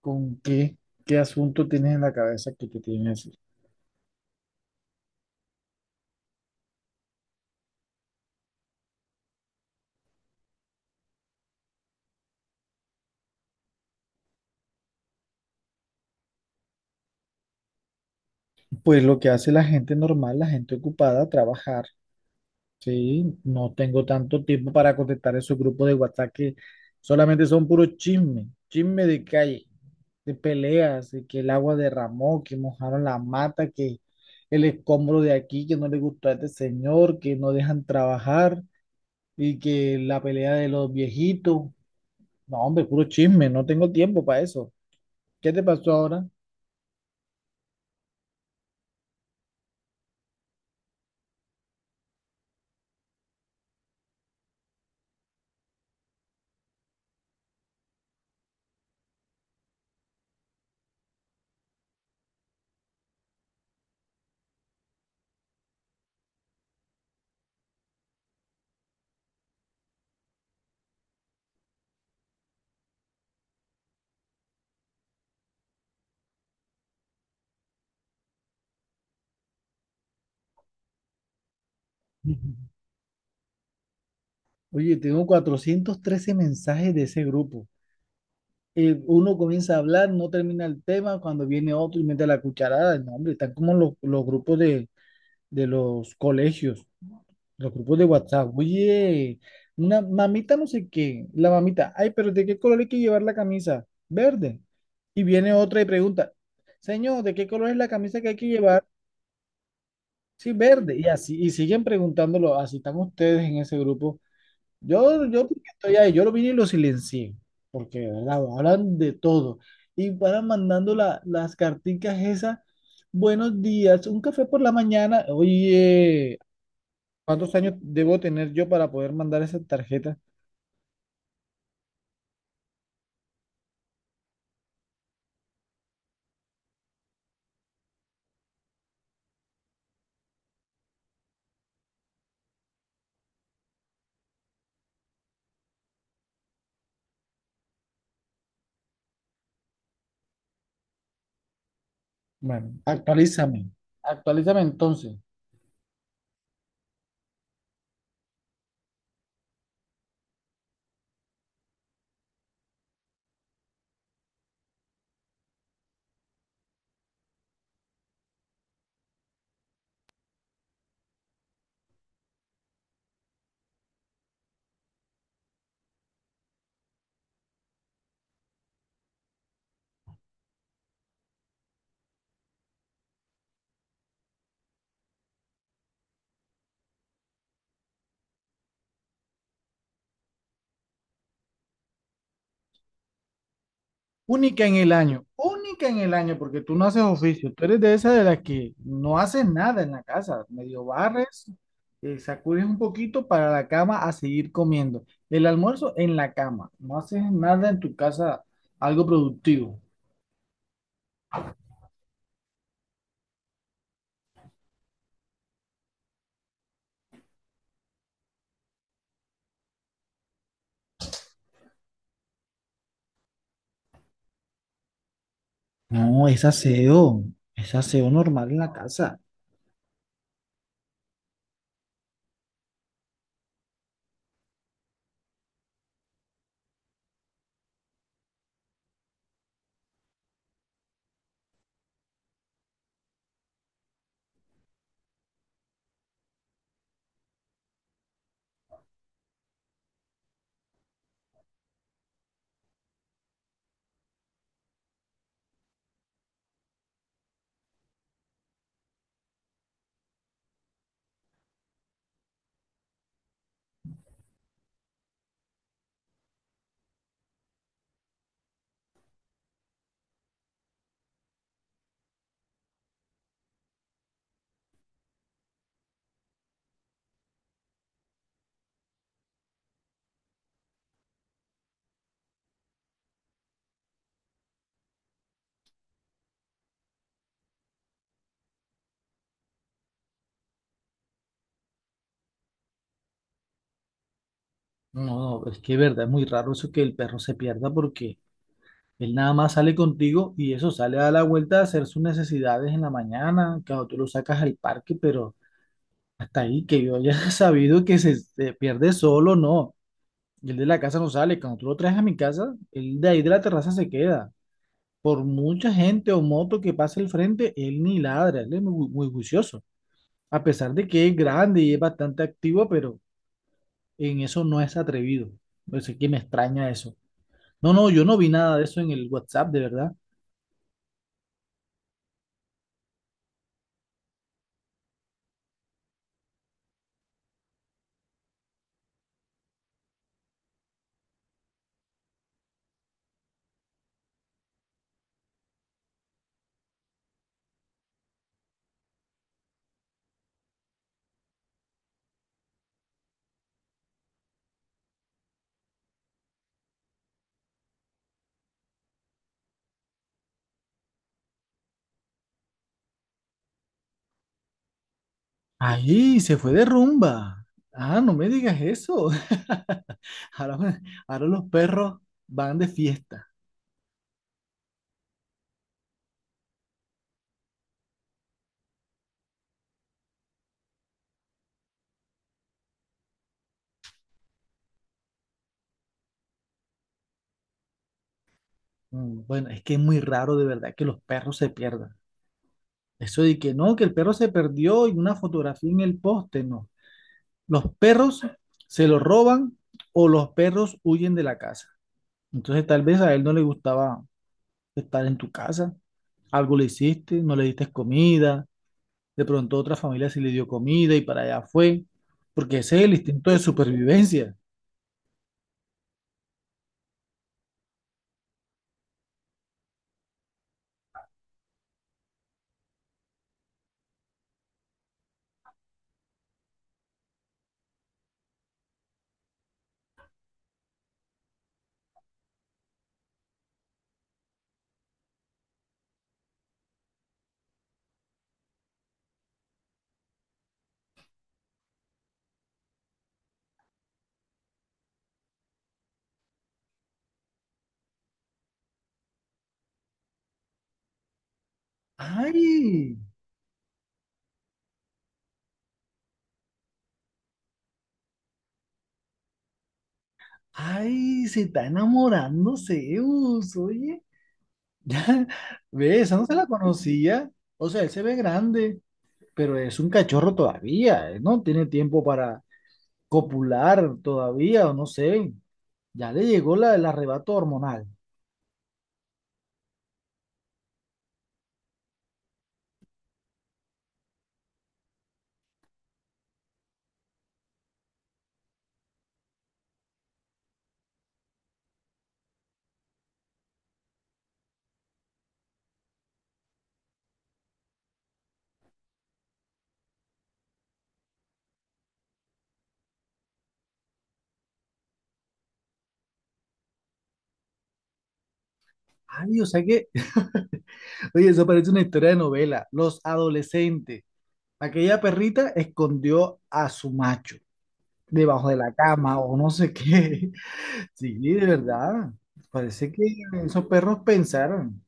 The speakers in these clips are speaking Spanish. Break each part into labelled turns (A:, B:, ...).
A: ¿Con qué, qué asunto tienes en la cabeza que te tienen así? Pues lo que hace la gente normal, la gente ocupada, trabajar, ¿sí? No tengo tanto tiempo para contestar esos grupos de WhatsApp que solamente son puro chisme, chisme de calle, de peleas, de que el agua derramó, que mojaron la mata, que el escombro de aquí, que no le gustó a este señor, que no dejan trabajar y que la pelea de los viejitos. No, hombre, puro chisme, no tengo tiempo para eso. ¿Qué te pasó ahora? Oye, tengo 413 mensajes de ese grupo. Uno comienza a hablar, no termina el tema, cuando viene otro y mete la cucharada. No, hombre, están como los grupos de los colegios, los grupos de WhatsApp. Oye, una mamita no sé qué, la mamita, ay, pero ¿de qué color hay que llevar la camisa? Verde. Y viene otra y pregunta, señor, ¿de qué color es la camisa que hay que llevar? Sí, verde. Y así, y siguen preguntándolo, así están ustedes en ese grupo. Yo porque estoy ahí, yo lo vine y lo silencié, porque de verdad, hablan de todo. Y van mandando las carticas esas, buenos días, un café por la mañana. Oye, ¿cuántos años debo tener yo para poder mandar esa tarjeta? Bueno, actualízame entonces. Única en el año, única en el año, porque tú no haces oficio, tú eres de esa de las que no haces nada en la casa, medio barres, sacudes un poquito para la cama a seguir comiendo. El almuerzo en la cama, no haces nada en tu casa, algo productivo. No, es aseo normal en la casa. No, no, es que es verdad, es muy raro eso que el perro se pierda porque él nada más sale contigo y eso sale a dar la vuelta a hacer sus necesidades en la mañana, cuando tú lo sacas al parque, pero... Hasta ahí que yo haya sabido que se pierde solo, no. Y el de la casa no sale. Cuando tú lo traes a mi casa, él de ahí de la terraza se queda. Por mucha gente o moto que pase al frente, él ni ladra, él es muy, muy juicioso. A pesar de que es grande y es bastante activo, pero en eso no es atrevido. Pues es que me extraña eso. No, no, yo no vi nada de eso en el WhatsApp, de verdad. Ahí se fue de rumba. Ah, no me digas eso. Ahora, ahora los perros van de fiesta. Mm, bueno, es que es muy raro de verdad que los perros se pierdan. Eso de que no, que el perro se perdió y una fotografía en el poste, no. Los perros se lo roban o los perros huyen de la casa. Entonces tal vez a él no le gustaba estar en tu casa. Algo le hiciste, no le diste comida. De pronto otra familia sí le dio comida y para allá fue. Porque ese es el instinto de supervivencia. ¡Ay! ¡Ay! Se está enamorando Zeus, oye. Ya, ve, esa no se la conocía. O sea, él se ve grande, pero es un cachorro todavía. Él no tiene tiempo para copular todavía, o no sé. Ya le llegó el arrebato hormonal. Ay, o sea que, oye, eso parece una historia de novela. Los adolescentes. Aquella perrita escondió a su macho debajo de la cama o no sé qué. Sí, de verdad. Parece que esos perros pensaron.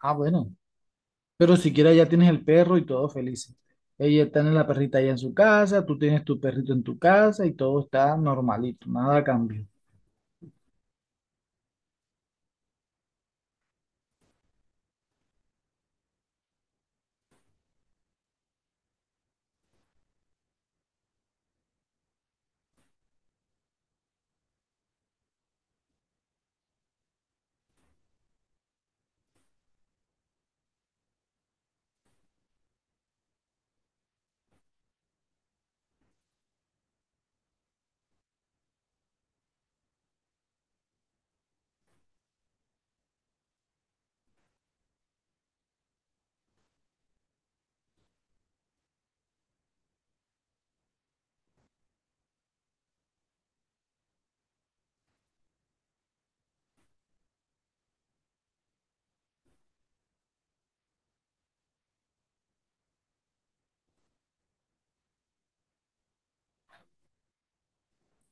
A: Ah, bueno. Pero siquiera ya tienes el perro y todos felices. Ella está en la perrita allá en su casa, tú tienes tu perrito en tu casa y todo está normalito, nada cambió.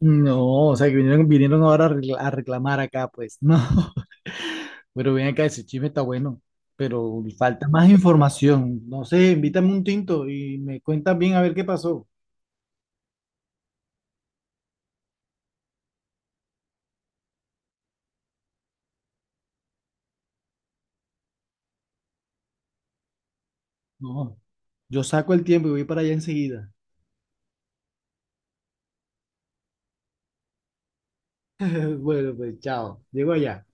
A: No, o sea que vinieron, vinieron ahora a a reclamar acá, pues. No, pero ven acá, ese chisme está bueno, pero falta más información. No sé, invítame un tinto y me cuentas bien a ver qué pasó. No, yo saco el tiempo y voy para allá enseguida. Bueno, pues chao, llego allá.